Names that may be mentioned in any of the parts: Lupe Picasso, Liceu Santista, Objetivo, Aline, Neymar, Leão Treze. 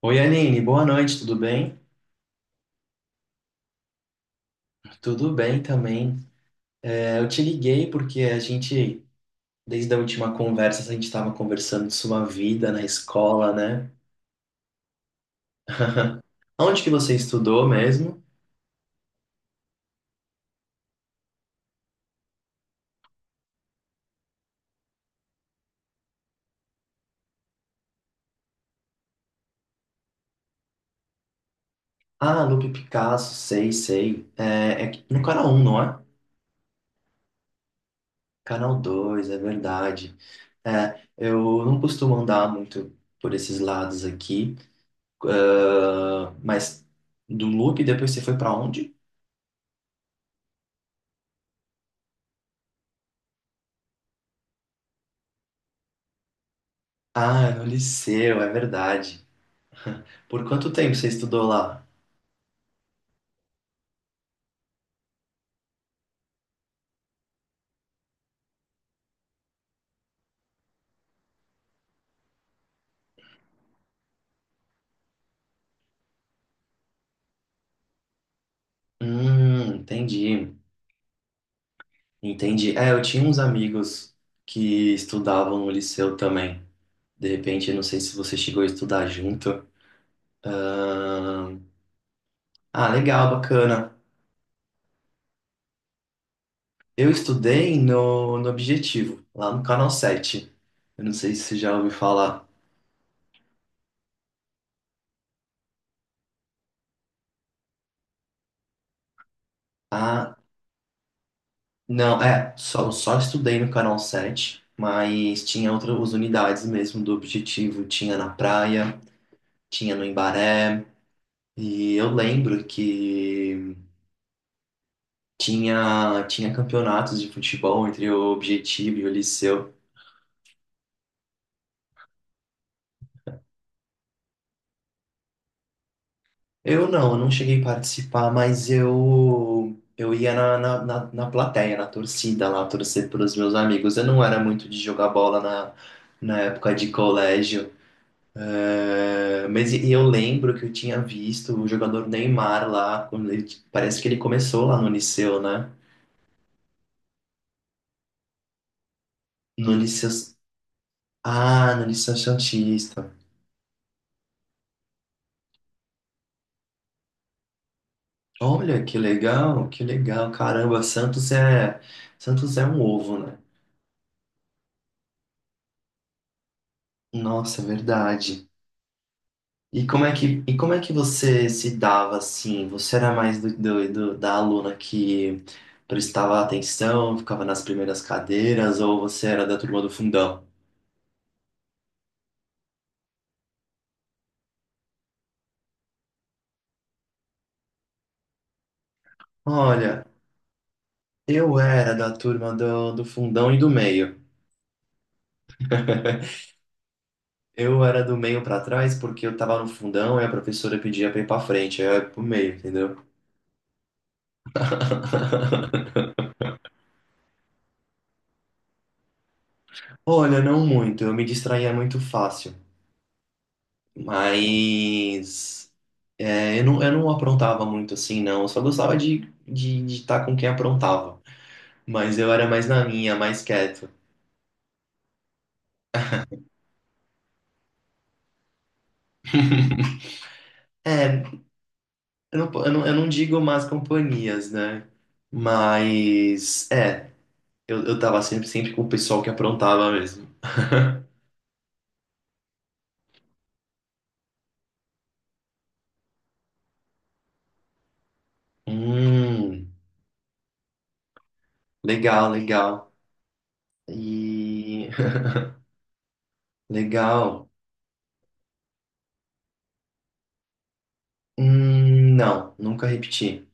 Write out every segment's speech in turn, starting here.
Oi, Aline, boa noite, tudo bem? Tudo bem também. Eu te liguei porque desde a última conversa, a gente estava conversando de sua vida na escola, né? Onde que você estudou mesmo? Ah, Lupe Picasso, sei, sei. É no canal um, não é? Canal 2, é verdade. Eu não costumo andar muito por esses lados aqui, ah, mas do Lupe depois você foi para onde? Ah, é no liceu, é verdade. Por quanto tempo você estudou lá? Entendi. Entendi. Eu tinha uns amigos que estudavam no liceu também. De repente, eu não sei se você chegou a estudar junto. Ahn, Ah, legal, bacana. Eu estudei no Objetivo, lá no Canal 7. Eu não sei se você já ouviu falar. Ah, não, só estudei no Canal 7, mas tinha outras unidades mesmo do Objetivo. Tinha na praia, tinha no Embaré. E eu lembro que tinha campeonatos de futebol entre o Objetivo e o Liceu. Eu não cheguei a participar, mas eu ia na plateia, na torcida lá, torcer pelos meus amigos. Eu não era muito de jogar bola na época de colégio. É, mas eu lembro que eu tinha visto o jogador Neymar lá, quando parece que ele começou lá no Liceu, né? No Liceu. Ah, no Liceu Santista. Olha, que legal, que legal. Caramba, Santos é um ovo, né? Nossa, é verdade. E como é que você se dava assim? Você era mais do, do- do- da aluna que prestava atenção, ficava nas primeiras cadeiras, ou você era da turma do fundão? Olha, eu era da turma do fundão e do meio. Eu era do meio pra trás porque eu tava no fundão e a professora pedia pra ir pra frente, aí eu ia pro meio, entendeu? Olha, não muito, eu me distraía muito fácil. Mas é, eu não aprontava muito assim, não. Eu só gostava de estar com quem aprontava. Mas eu era mais na minha, mais quieto. É, eu não, po- eu não digo más companhias, né? Mas é, eu tava sempre com o pessoal que aprontava mesmo. Hum, legal, legal. E legal. Não, nunca repeti.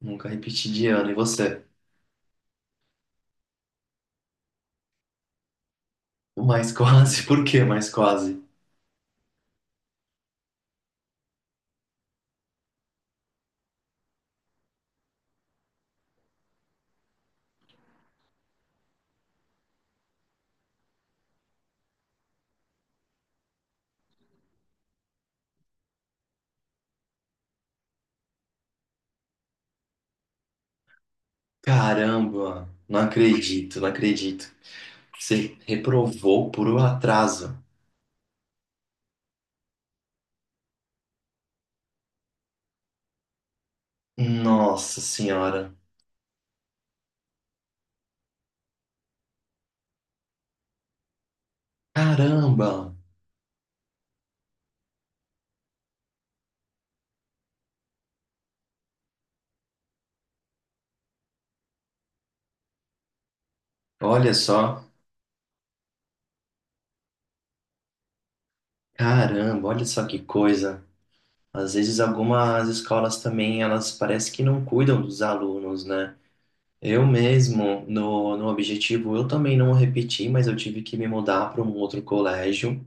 Nunca repeti de ano. E você? Mas quase, por quê? Mas quase. Caramba, não acredito, não acredito. Você reprovou por um atraso. Nossa senhora. Caramba, olha só. Caramba, olha só que coisa. Às vezes algumas escolas também, elas parece que não cuidam dos alunos, né? Eu mesmo, no objetivo, eu também não repeti, mas eu tive que me mudar para um outro colégio.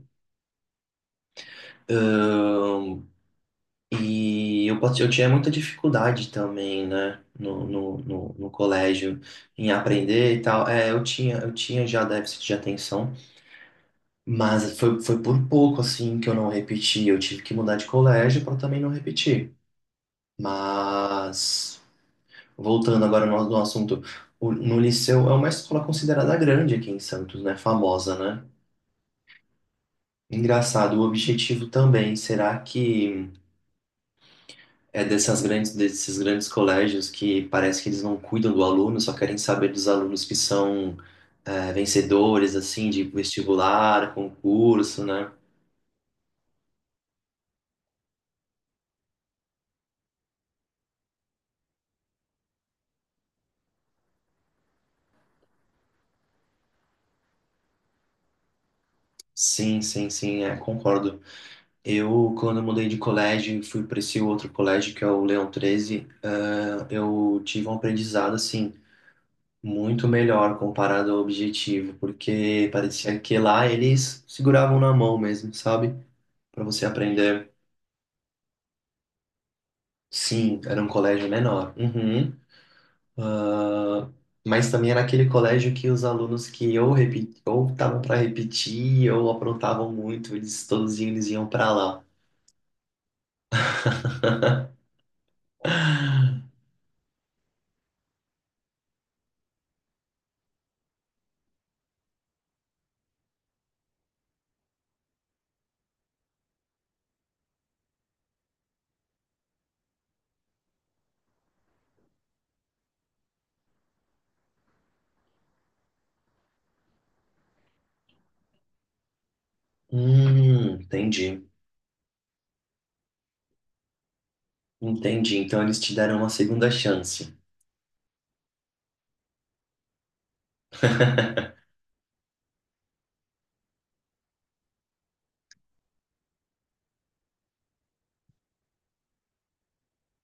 Eu tinha muita dificuldade também, né, no colégio, em aprender e tal. É, eu tinha já déficit de atenção, mas foi por pouco, assim, que eu não repeti. Eu tive que mudar de colégio para também não repetir. Mas, voltando agora no assunto, no Liceu é uma escola considerada grande aqui em Santos, né, famosa, né? Engraçado, o objetivo também, será que. É dessas grandes, desses grandes colégios que parece que eles não cuidam do aluno, só querem saber dos alunos que são é, vencedores, assim, de vestibular, concurso, né? Sim, sim, sim, é, concordo. Eu, quando mudei de colégio e fui para esse outro colégio, que é o Leão XIII é, eu tive um aprendizado, assim, muito melhor comparado ao objetivo, porque parecia que lá eles seguravam na mão mesmo, sabe? Para você aprender. Sim, era um colégio menor. Uhum. Ah, mas também era aquele colégio que os alunos que ou estavam para repetir ou aprontavam muito, eles iam para lá. Entendi. Entendi. Então eles te deram uma segunda chance.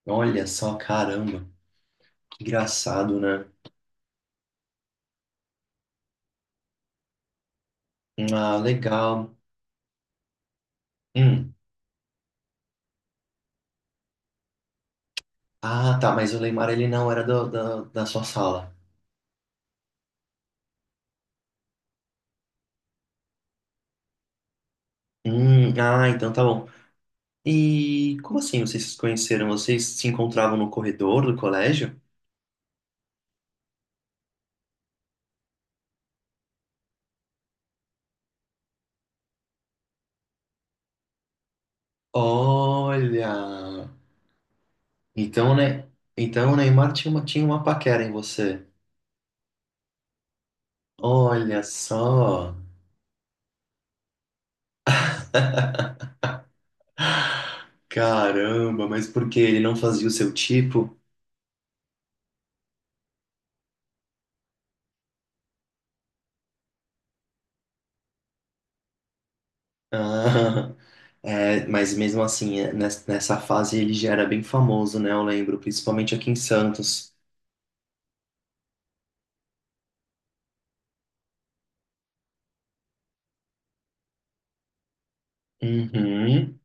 Olha só, caramba. Que engraçado, né? Ah, legal. Hum. Ah, tá, mas o Leymar ele não era da da sua sala. Ah, então tá bom. E como assim vocês se conheceram? Vocês se encontravam no corredor do colégio? Olha, então, né? Então o Neymar tinha tinha uma paquera em você. Olha só, caramba, mas por que ele não fazia o seu tipo? Ah, é, mas mesmo assim, é, nessa fase ele já era bem famoso, né? Eu lembro, principalmente aqui em Santos. Uhum.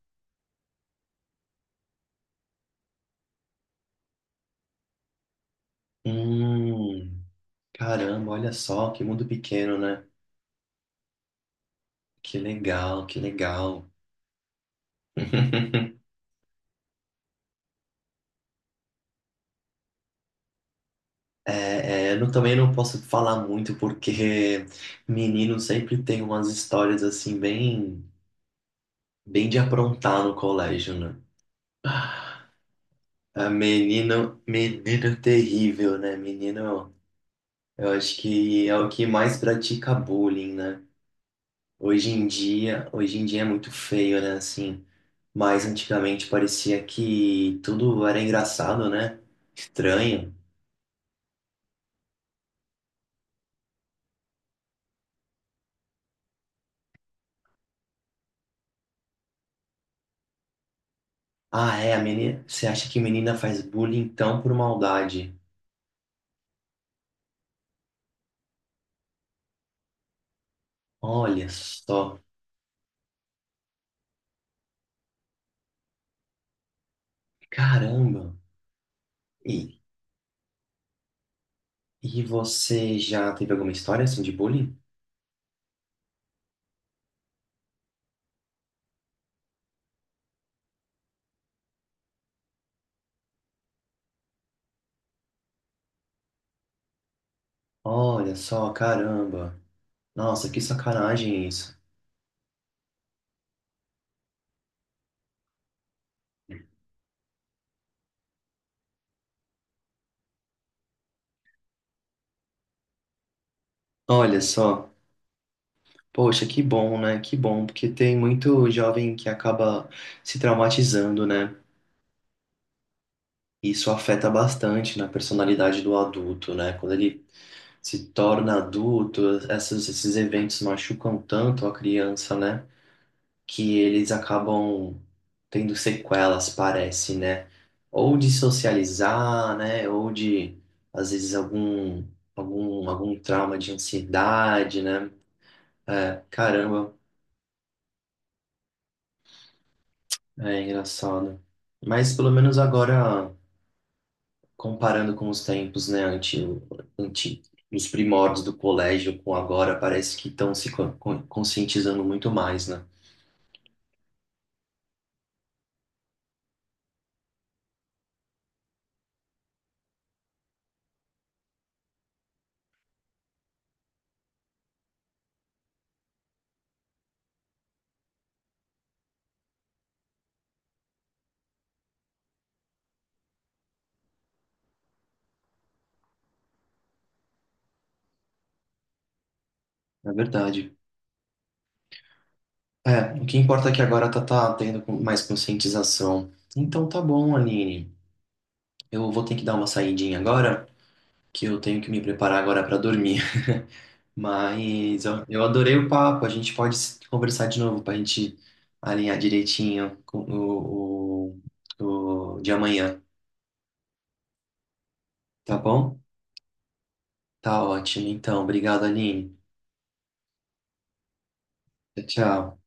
Hum, caramba, olha só, que mundo pequeno, né? Que legal, que legal. É, é, eu não- também não posso falar muito porque menino sempre tem umas histórias assim bem, bem de aprontar no colégio, né? Ah, Menino, menino terrível, né? Menino, eu acho que é o que mais pratica bullying, né? Hoje em dia é muito feio, né? Assim, mas antigamente parecia que tudo era engraçado, né? Estranho. Ah, é, a menina, você acha que menina faz bullying então por maldade? Olha só, caramba. E, e você já teve alguma história assim de bullying? Olha só, caramba. Nossa, que sacanagem isso. Olha só, poxa, que bom, né? Que bom, porque tem muito jovem que acaba se traumatizando, né? Isso afeta bastante na personalidade do adulto, né? Quando ele se torna adulto, esses eventos machucam tanto a criança, né? que eles acabam tendo sequelas, parece, né? Ou de socializar, né? Ou de, às vezes, algum trauma de ansiedade, né? É, caramba, é engraçado. Mas pelo menos agora, comparando com os tempos, né? Antigo, antigo. Os primórdios do colégio com agora parece que estão se conscientizando muito mais, né? É verdade. É, o que importa é que agora tá tendo mais conscientização. Então tá bom, Aline. Eu vou ter que dar uma saidinha agora, que eu tenho que me preparar agora pra dormir. Mas ó, eu adorei o papo. A gente pode conversar de novo pra gente alinhar direitinho com o de amanhã, tá bom? Tá ótimo. Então, obrigado, Aline. Tchau, tchau.